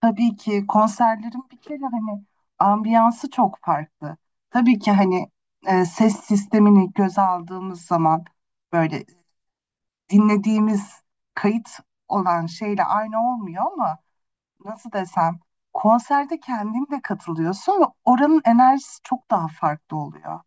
Tabii ki konserlerin bir kere hani ambiyansı çok farklı. Tabii ki hani ses sistemini göze aldığımız zaman böyle dinlediğimiz kayıt olan şeyle aynı olmuyor ama nasıl desem konserde kendin de katılıyorsun ve oranın enerjisi çok daha farklı oluyor.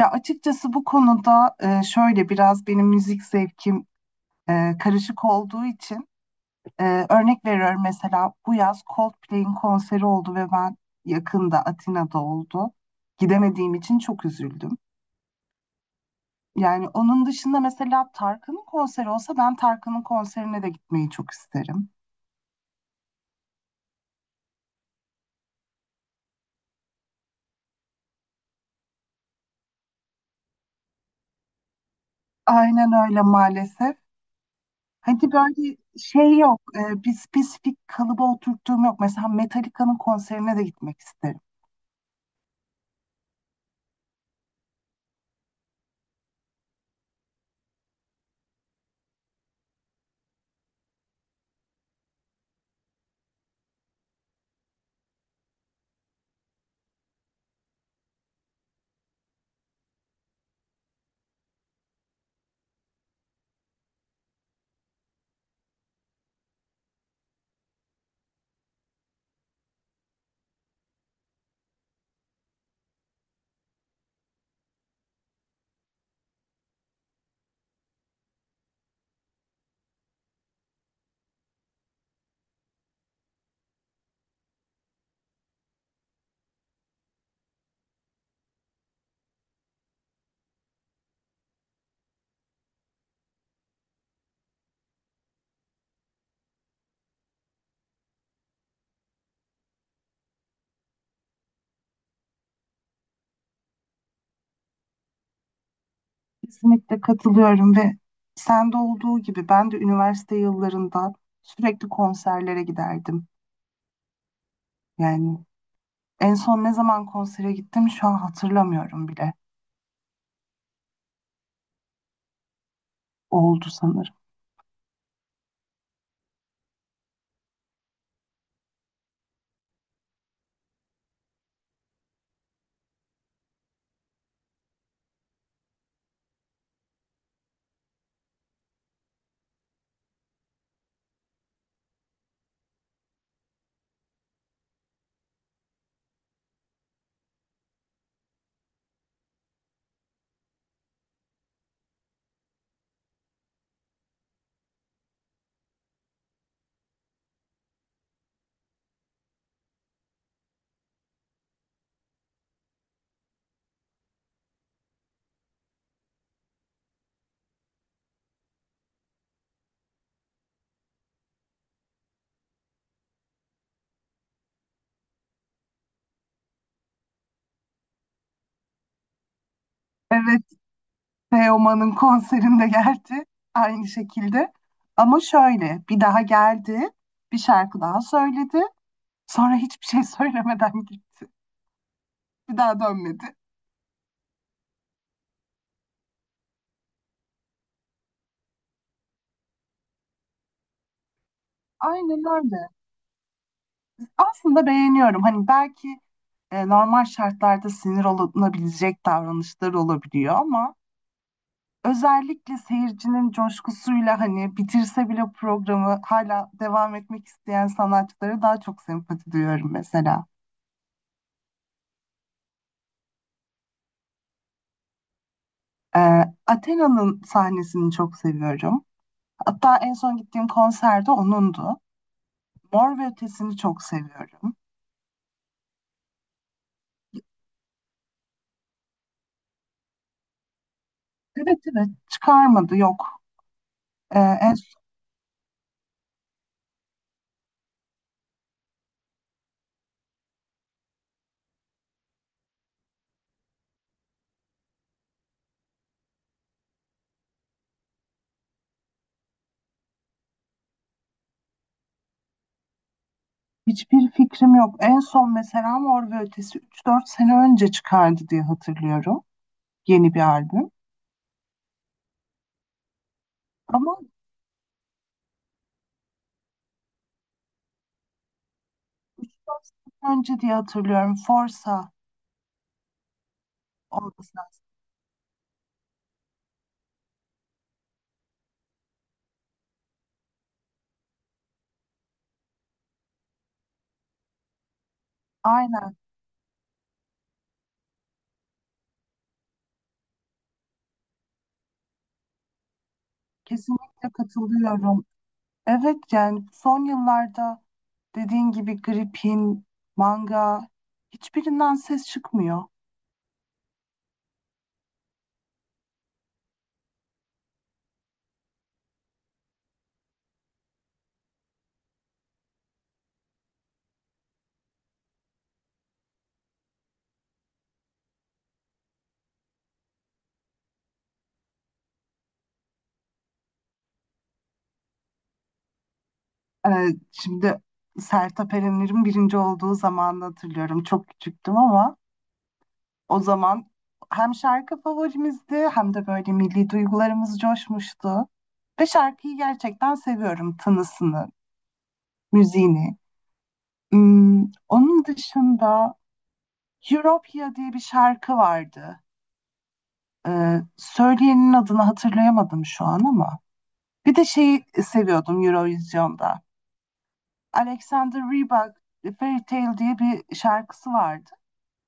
Ya açıkçası bu konuda şöyle biraz benim müzik zevkim karışık olduğu için örnek veriyorum mesela bu yaz Coldplay'in konseri oldu ve ben yakında Atina'da oldu. Gidemediğim için çok üzüldüm. Yani onun dışında mesela Tarkan'ın konseri olsa ben Tarkan'ın konserine de gitmeyi çok isterim. Aynen öyle, maalesef. Hani böyle şey yok, bir spesifik kalıba oturttuğum yok. Mesela Metallica'nın konserine de gitmek isterim. Kesinlikle katılıyorum ve sende olduğu gibi ben de üniversite yıllarında sürekli konserlere giderdim. Yani en son ne zaman konsere gittim şu an hatırlamıyorum bile. Oldu sanırım. Evet, Teoman'ın konserinde geldi aynı şekilde. Ama şöyle bir daha geldi, bir şarkı daha söyledi. Sonra hiçbir şey söylemeden gitti. Bir daha dönmedi. Aynen öyle. Aslında beğeniyorum. Hani belki normal şartlarda sinir olunabilecek davranışlar olabiliyor ama özellikle seyircinin coşkusuyla hani bitirse bile programı hala devam etmek isteyen sanatçılara daha çok sempati duyuyorum mesela. Athena'nın sahnesini çok seviyorum. Hatta en son gittiğim konserde onundu. Mor ve Ötesi'ni çok seviyorum. Evet, evet, çıkarmadı, yok. Ee, en, hiçbir fikrim yok. En son mesela Mor ve Ötesi 3-4 sene önce çıkardı diye hatırlıyorum. Yeni bir albüm. Ama 3-4 sene önce diye hatırlıyorum. Forsa olması lazım. Aynen. Kesinlikle katılıyorum. Evet, yani son yıllarda dediğin gibi gripin, manga, hiçbirinden ses çıkmıyor. Şimdi Sertab Erener'in birinci olduğu zamanı hatırlıyorum. Çok küçüktüm ama o zaman hem şarkı favorimizdi hem de böyle milli duygularımız coşmuştu. Ve şarkıyı gerçekten seviyorum. Tınısını, müziğini. Hmm, onun dışında Europia diye bir şarkı vardı. Söyleyenin adını hatırlayamadım şu an ama. Bir de şeyi seviyordum Eurovision'da. Alexander Rybak Fairy Tale diye bir şarkısı vardı.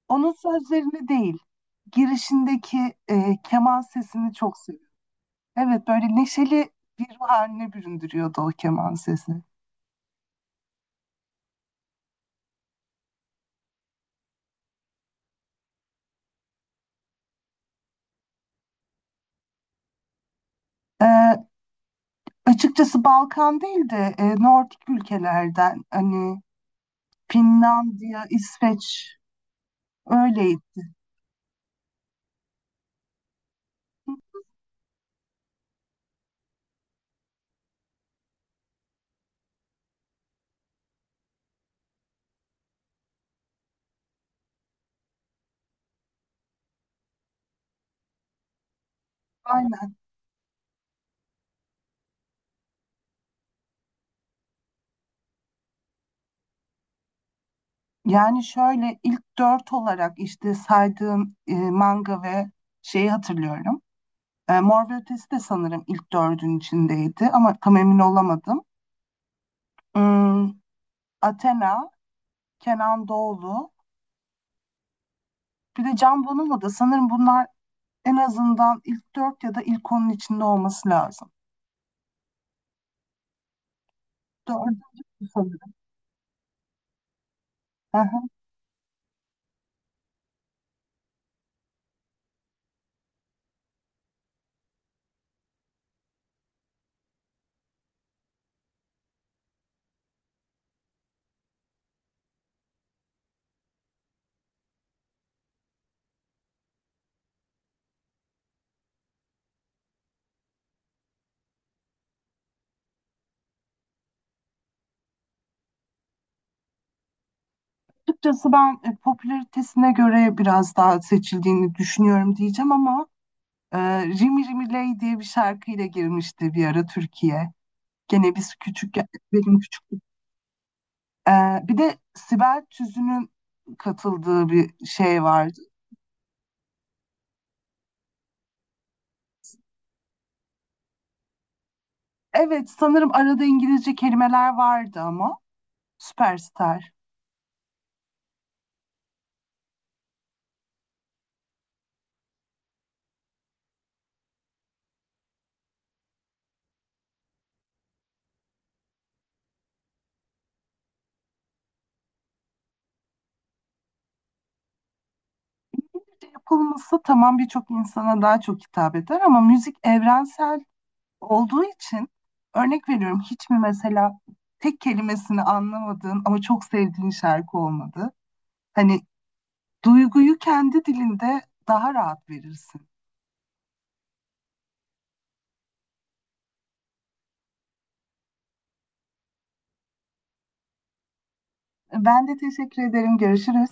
Onun sözlerini değil, girişindeki keman sesini çok seviyorum. Evet, böyle neşeli bir ruh haline büründürüyordu o keman sesi. Ee, açıkçası Balkan değil de Nordik ülkelerden hani Finlandiya, İsveç öyleydi. Aynen. Yani şöyle ilk dört olarak işte saydığım manga ve şeyi hatırlıyorum. E, Mor ve Ötesi de sanırım ilk dördün içindeydi ama tam emin olamadım. Hmm, Athena, Kenan Doğulu, bir de Can Bonomo da sanırım bunlar en azından ilk dört ya da ilk onun içinde olması lazım. Dördüncü sanırım. Hı hı. Açıkçası ben popülaritesine göre biraz daha seçildiğini düşünüyorum diyeceğim ama Ee, Rimi Rimi Ley diye bir şarkıyla girmişti bir ara Türkiye. Gene biz küçük benim küçüklük. Bir de Sibel Tüzün'ün katıldığı bir şey vardı. Evet sanırım arada İngilizce kelimeler vardı ama Süperstar. Yapılması tamam, birçok insana daha çok hitap eder ama müzik evrensel olduğu için örnek veriyorum, hiç mi mesela tek kelimesini anlamadığın ama çok sevdiğin şarkı olmadı? Hani duyguyu kendi dilinde daha rahat verirsin. Ben de teşekkür ederim. Görüşürüz.